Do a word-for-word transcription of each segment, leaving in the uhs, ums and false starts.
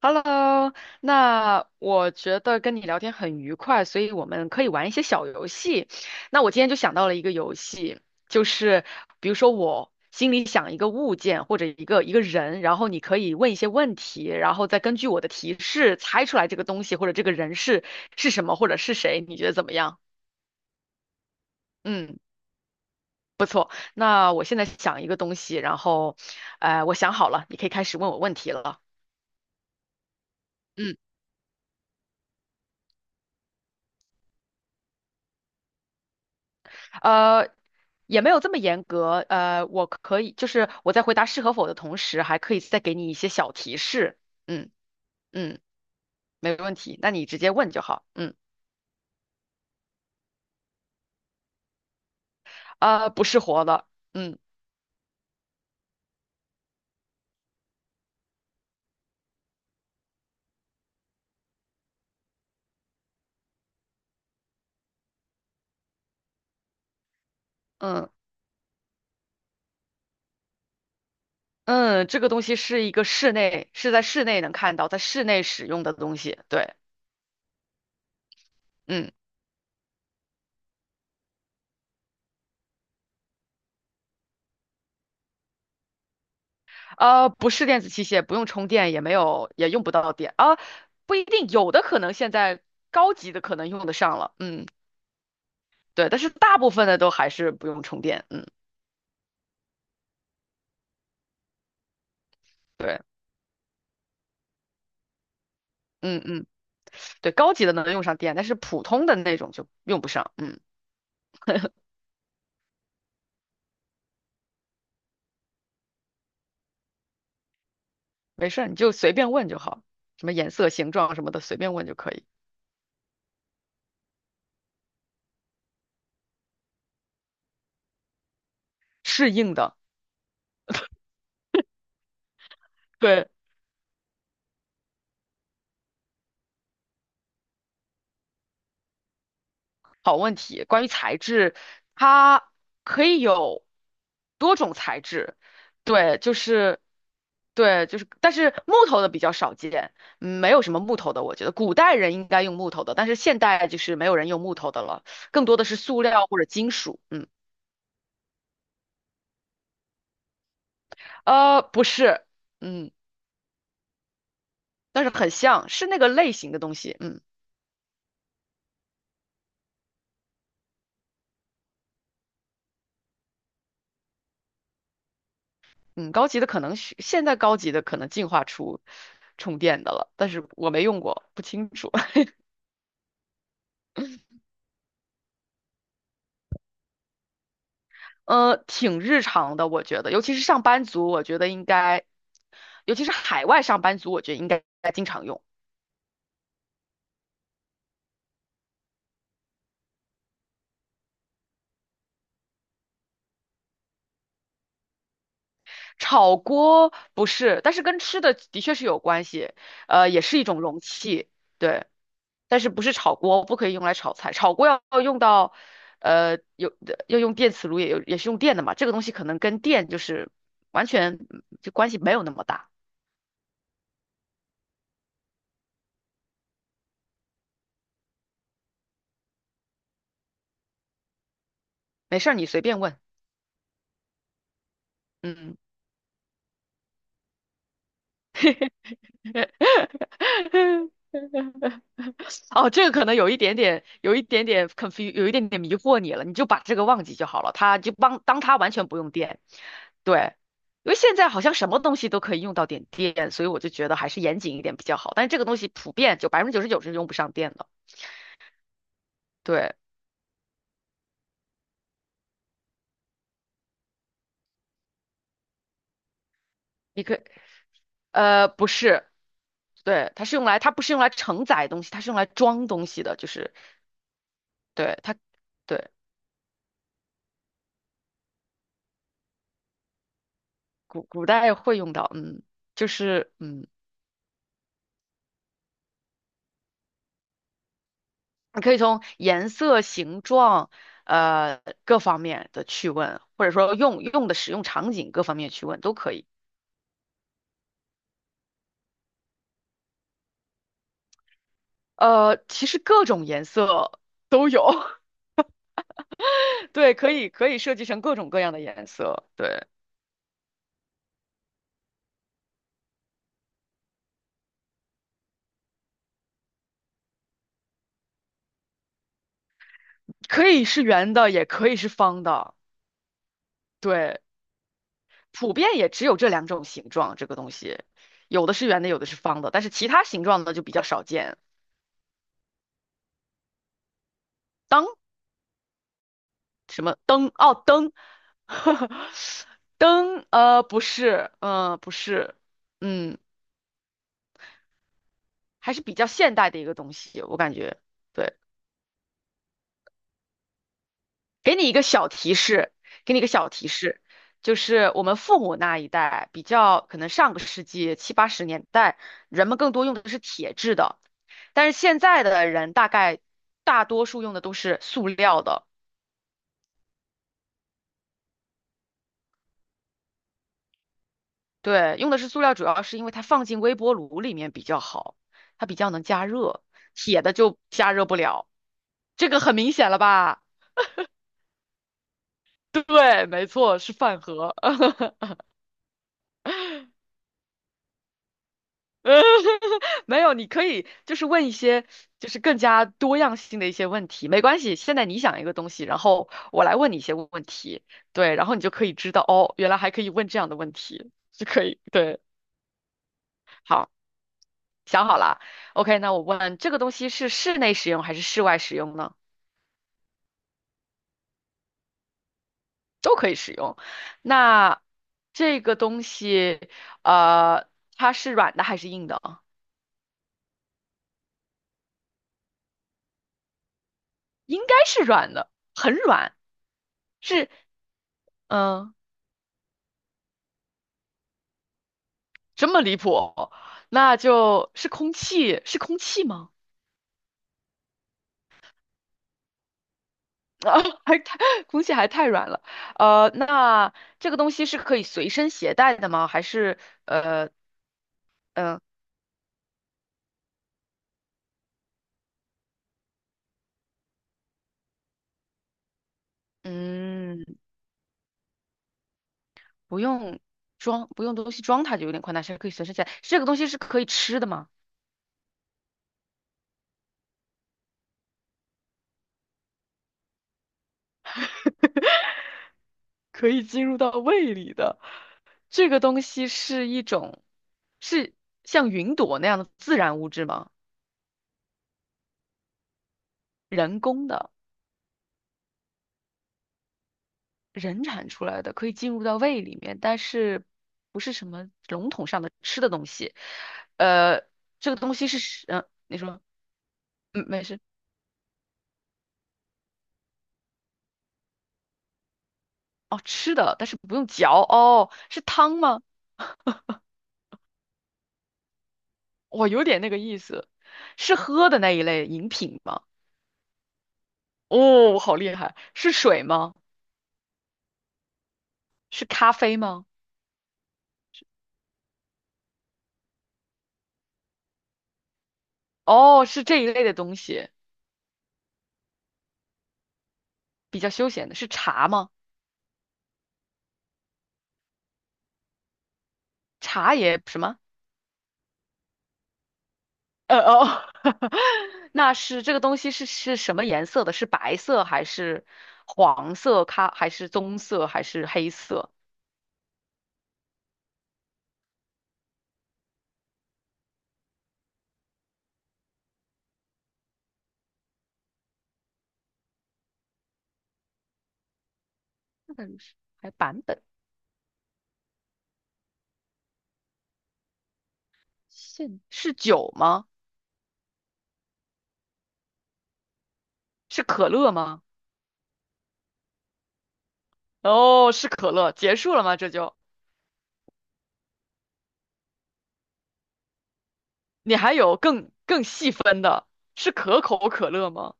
Hello，那我觉得跟你聊天很愉快，所以我们可以玩一些小游戏。那我今天就想到了一个游戏，就是比如说我心里想一个物件或者一个一个人，然后你可以问一些问题，然后再根据我的提示猜出来这个东西或者这个人是是什么或者是谁，你觉得怎么样？嗯，那我现在想一个东西，然后，呃，我想好了，你可以开始问我问题了。嗯。呃，也没有这么严格。呃，我可以，就是我在回答是和否的同时，还可以再给你一些小提示。嗯嗯，没问题，那你直接问就好。嗯，呃，不是活的。嗯嗯嗯，这个东西是一个室内，是在室内能看到，在室内使用的东西。对，嗯，呃，不是电子器械，不用充电，也没有，也用不到电啊，不一定，有的可能现在高级的可能用得上了。嗯，对，但是大部分的都还是不用充电。嗯。对，嗯嗯，对，高级的能用上电，但是普通的那种就用不上。嗯，没事儿，你就随便问就好，什么颜色、形状什么的，随便问就可以。适应的，对，好问题。关于材质，它可以有多种材质，对，就是。对，就是，但是木头的比较少见，嗯没有什么木头的，我觉得古代人应该用木头的，但是现代就是没有人用木头的了，更多的是塑料或者金属，嗯，呃，不是，嗯。但是很像，是那个类型的东西。嗯嗯，高级的可能是现在高级的可能进化出充电的了，但是我没用过，不清楚。呃，挺日常的，我觉得，尤其是上班族，我觉得应该，尤其是海外上班族，我觉得应该经常用。炒锅不是，但是跟吃的的确是有关系，呃，也是一种容器。对，但是不是炒锅，不可以用来炒菜，炒锅要要用到，呃，有要用电磁炉，也有也是用电的嘛，这个东西可能跟电就是完全嗯就关系没有那么大，没事儿你随便问，嗯，哦，这个可能有一点点，有一点点 confu，s e 有一点点迷惑你了，你就把这个忘记就好了，它就帮当它完全不用电，对。因为现在好像什么东西都可以用到点电，所以我就觉得还是严谨一点比较好。但是这个东西普遍就百分之九十九是用不上电的。对，一个呃不是，对，它是用来它不是用来承载东西，它是用来装东西的，就是对它对古古代会用到，嗯，就是嗯，你可以从颜色、形状呃各方面的去问，或者说用用的使用场景各方面去问都可以。呃，其实各种颜色都有，对，可以可以设计成各种各样的颜色，对，可以是圆的，也可以是方的，对。普遍也只有这两种形状，这个东西，有的是圆的，有的是方的，但是其他形状的就比较少见。灯什么灯？哦，灯，灯，呃，不是，嗯、不是，嗯，还是比较现代的一个东西，我感觉。对，给你一个小提示，给你一个小提示，就是我们父母那一代比较可能上个世纪七八十年代，人们更多用的是铁制的。但是现在的人大概大多数用的都是塑料的，对，用的是塑料，主要是因为它放进微波炉里面比较好，它比较能加热，铁的就加热不了，这个很明显了吧？对，没错，是饭盒。没有，你可以就是问一些就是更加多样性的一些问题，没关系。现在你想一个东西，然后我来问你一些问题，对，然后你就可以知道哦，原来还可以问这样的问题，就可以，对，好。想好了，OK，那我问这个东西是室内使用还是室外使用呢？都可以使用。那这个东西，呃，它是软的还是硬的啊？应该是软的，很软。是，嗯，这么离谱？那就是空气，是空气吗？啊，还太，空气还太软了。呃，那这个东西是可以随身携带的吗？还是，呃，嗯、呃嗯。不用装，不用东西装它就有点宽大，是可以随身带。这个东西是可以吃的吗？可以进入到胃里的。这个东西是一种，是像云朵那样的自然物质吗？人工的，人产出来的，可以进入到胃里面，但是不是什么笼统上的吃的东西。呃，这个东西是食，嗯、你说，嗯，没事。哦，吃的，但是不用嚼。哦，是汤吗？我有点那个意思。是喝的那一类饮品吗？哦，好厉害！是水吗？是咖啡吗？哦，是这一类的东西，比较休闲的。是茶吗？茶也什么？呃哦，那是这个东西是是什么颜色的？是白色还是黄色？咖还是棕色还是黑色？那于是还版本现是酒吗？是可乐吗？哦，是可乐。结束了吗？这就你还有更更细分的，是可口可乐吗？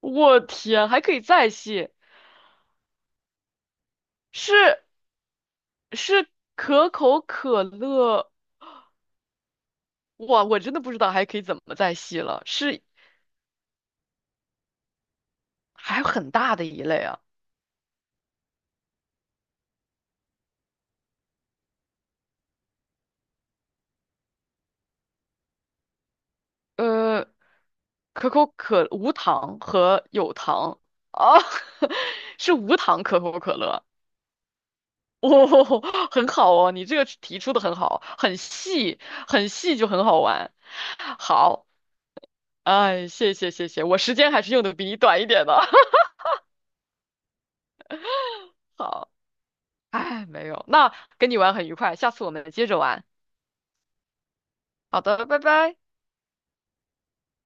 我天，还可以再细，是是可口可乐，哇，我真的不知道还可以怎么再细了，是还有很大的一类啊，呃，可口可无糖和有糖啊，是无糖可口可乐，哦，很好哦，你这个提出的很好，很细，很细就很好玩，好，哎，谢谢谢谢，我时间还是用的比你短一点的，好。哎，没有，那跟你玩很愉快，下次我们接着玩。好的，拜拜。